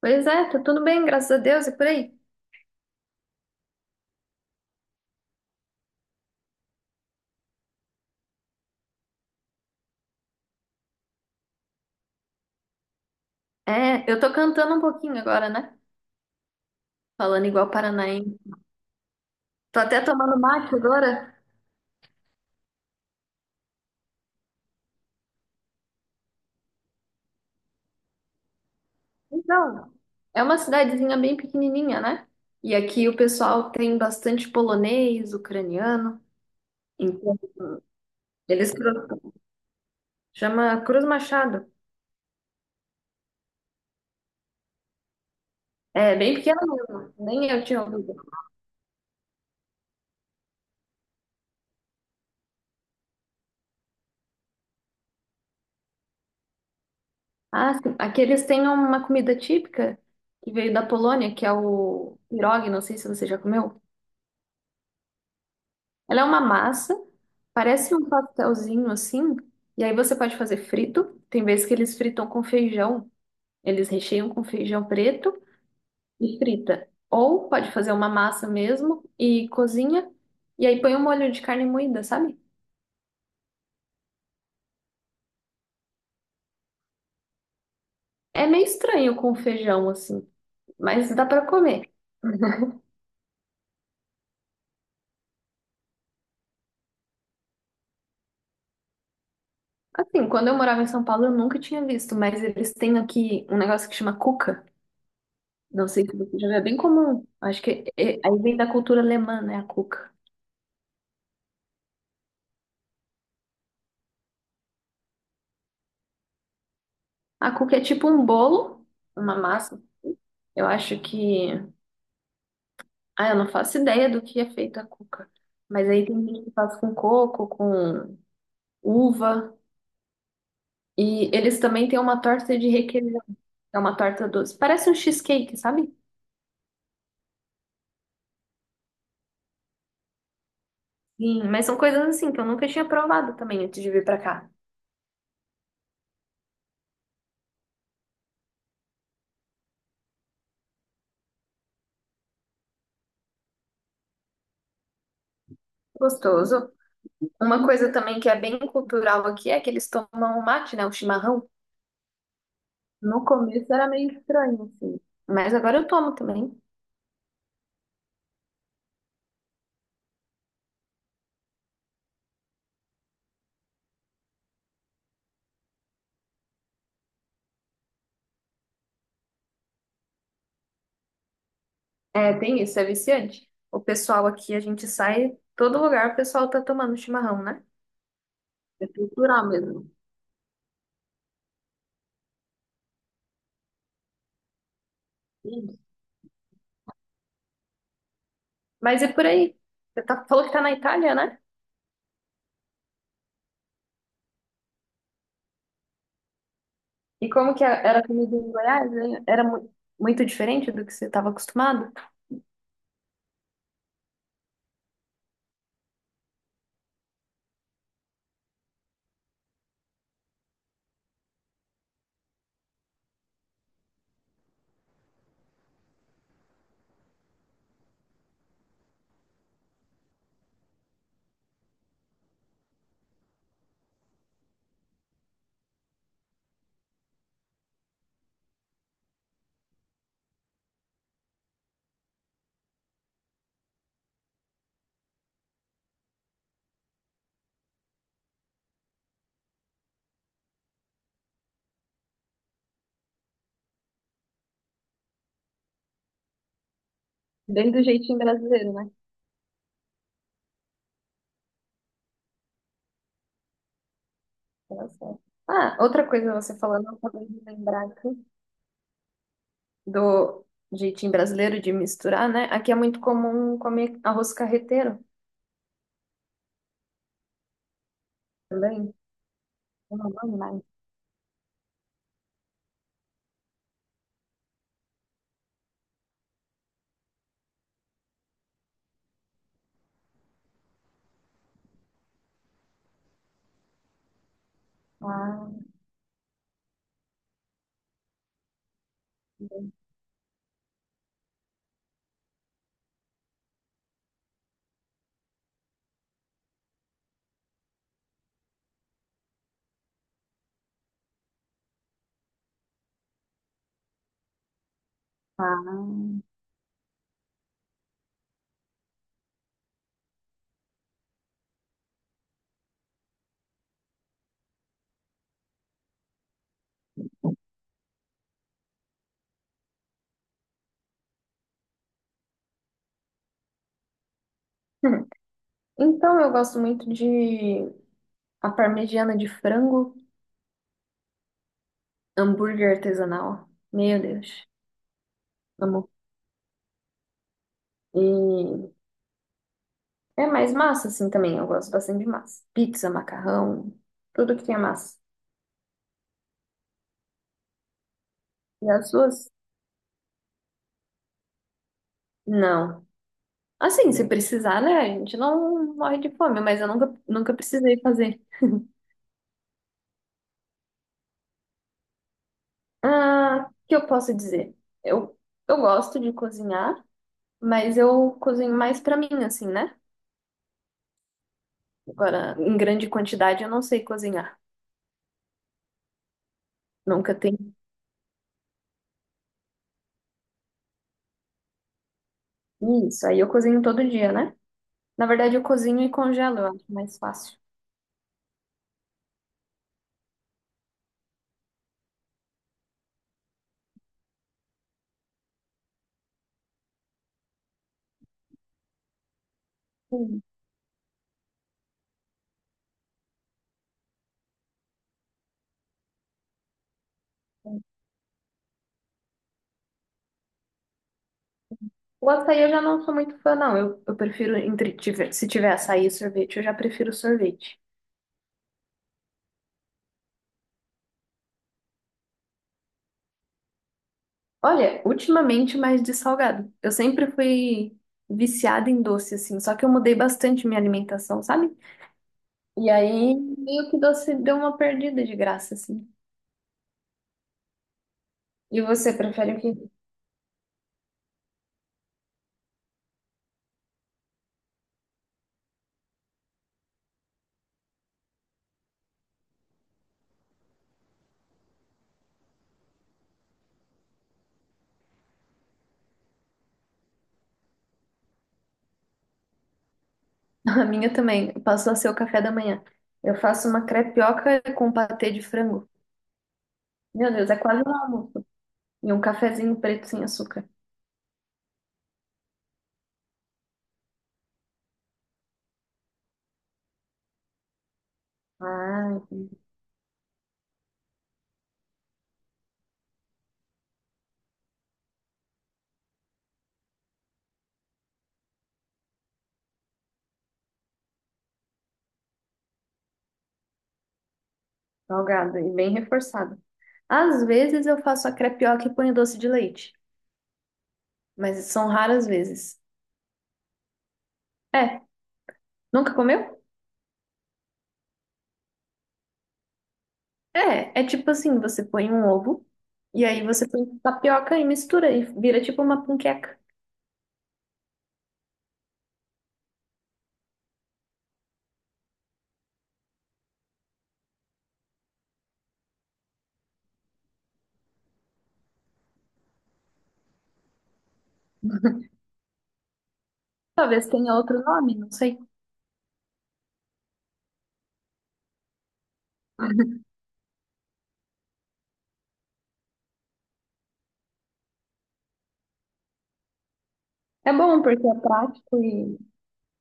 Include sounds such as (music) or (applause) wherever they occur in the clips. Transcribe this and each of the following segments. Pois é, tá tudo bem, graças a Deus e por aí. É, eu tô cantando um pouquinho agora, né? Falando igual paranaense. Tô até tomando mate agora. Então, é uma cidadezinha bem pequenininha, né? E aqui o pessoal tem bastante polonês, ucraniano. Então, eles cru- chama Cruz Machado. É bem pequeno mesmo, nem eu tinha ouvido. Ah, sim. Aqui eles têm uma comida típica que veio da Polônia, que é o pierogi, não sei se você já comeu. Ela é uma massa, parece um pastelzinho assim, e aí você pode fazer frito. Tem vezes que eles fritam com feijão, eles recheiam com feijão preto e frita. Ou pode fazer uma massa mesmo e cozinha, e aí põe um molho de carne moída, sabe? É meio estranho com feijão assim, mas dá pra comer. Assim, quando eu morava em São Paulo, eu nunca tinha visto, mas eles têm aqui um negócio que chama cuca. Não sei se você já viu, é bem comum. Acho que aí vem da cultura alemã, né, a cuca. A cuca é tipo um bolo, uma massa. Eu acho que. Ah, eu não faço ideia do que é feita a cuca. Mas aí tem gente que faz com coco, com uva. E eles também têm uma torta de requeijão, que é uma torta doce. Parece um cheesecake, sabe? Sim, mas são coisas assim que eu nunca tinha provado também antes de vir pra cá. Gostoso. Uma coisa também que é bem cultural aqui é que eles tomam mate, né? O chimarrão. No começo era meio estranho, assim. Mas agora eu tomo também. É, tem isso, é viciante. O pessoal aqui, a gente sai, todo lugar o pessoal tá tomando chimarrão, né? É cultural mesmo. Isso. Mas e por aí? Você tá, falou que tá na Itália, né? E como que era a comida em Goiás, né? Era muito diferente do que você estava acostumado? Bem do jeitinho brasileiro, né? Olha só. Ah, outra coisa você falando, eu acabei de lembrar aqui do jeitinho brasileiro de misturar, né? Aqui é muito comum comer arroz carreteiro também. Eu não gosto mais. Ah, ah. Hum. Então, eu gosto muito de a parmegiana de frango, hambúrguer artesanal. Meu Deus, amo. E é mais massa, assim, também. Eu gosto bastante de massa. Pizza, macarrão, tudo que tenha massa. E as suas? Não. Assim, se precisar, né? A gente não morre de fome, mas eu nunca, nunca precisei fazer. Ah, o que eu posso dizer? Eu, eu gosto de cozinhar, mas eu cozinho mais pra mim, assim, né? Agora, em grande quantidade, eu não sei cozinhar. Nunca tem isso. Aí eu cozinho todo dia, né? Na verdade, eu cozinho e congelo, eu acho mais fácil. Hum. O açaí eu já não sou muito fã, não. Eu prefiro, se tiver açaí e sorvete, eu já prefiro sorvete. Olha, ultimamente mais de salgado. Eu sempre fui viciada em doce, assim, só que eu mudei bastante minha alimentação, sabe? E aí, meio que doce deu uma perdida de graça, assim. E você prefere o quê? (laughs) A minha também. Passou a ser o café da manhã. Eu faço uma crepioca com patê de frango. Meu Deus, é quase um almoço. E um cafezinho preto sem açúcar. Ah, salgado e bem reforçado. Às vezes eu faço a crepioca e ponho doce de leite, mas são raras vezes. É, nunca comeu? É, é tipo assim, você põe um ovo e aí você põe tapioca e mistura e vira tipo uma panqueca. Talvez tenha outro nome, não sei. É bom porque é prático e,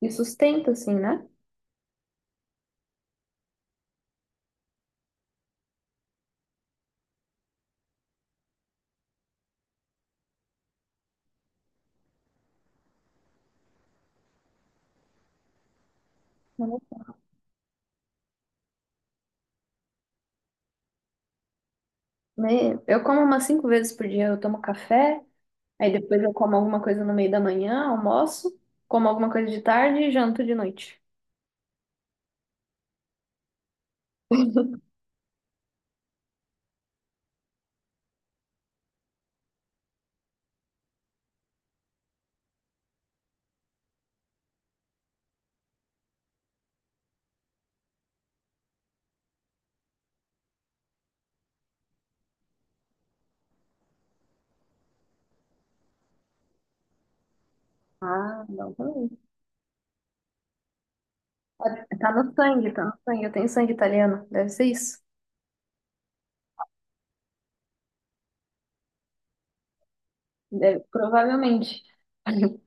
e sustenta assim, né? Né? Eu como umas cinco vezes por dia, eu tomo café, aí depois eu como alguma coisa no meio da manhã, almoço, como alguma coisa de tarde e janto de noite. Ah, não, também. É, tá no sangue, tá no sangue. Eu tenho sangue italiano, deve ser isso. Provavelmente. (laughs)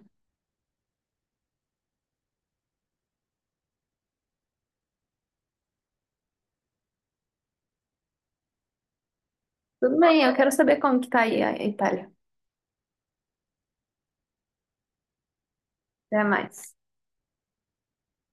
Tudo bem, eu quero saber como que tá aí a Itália. Até mais.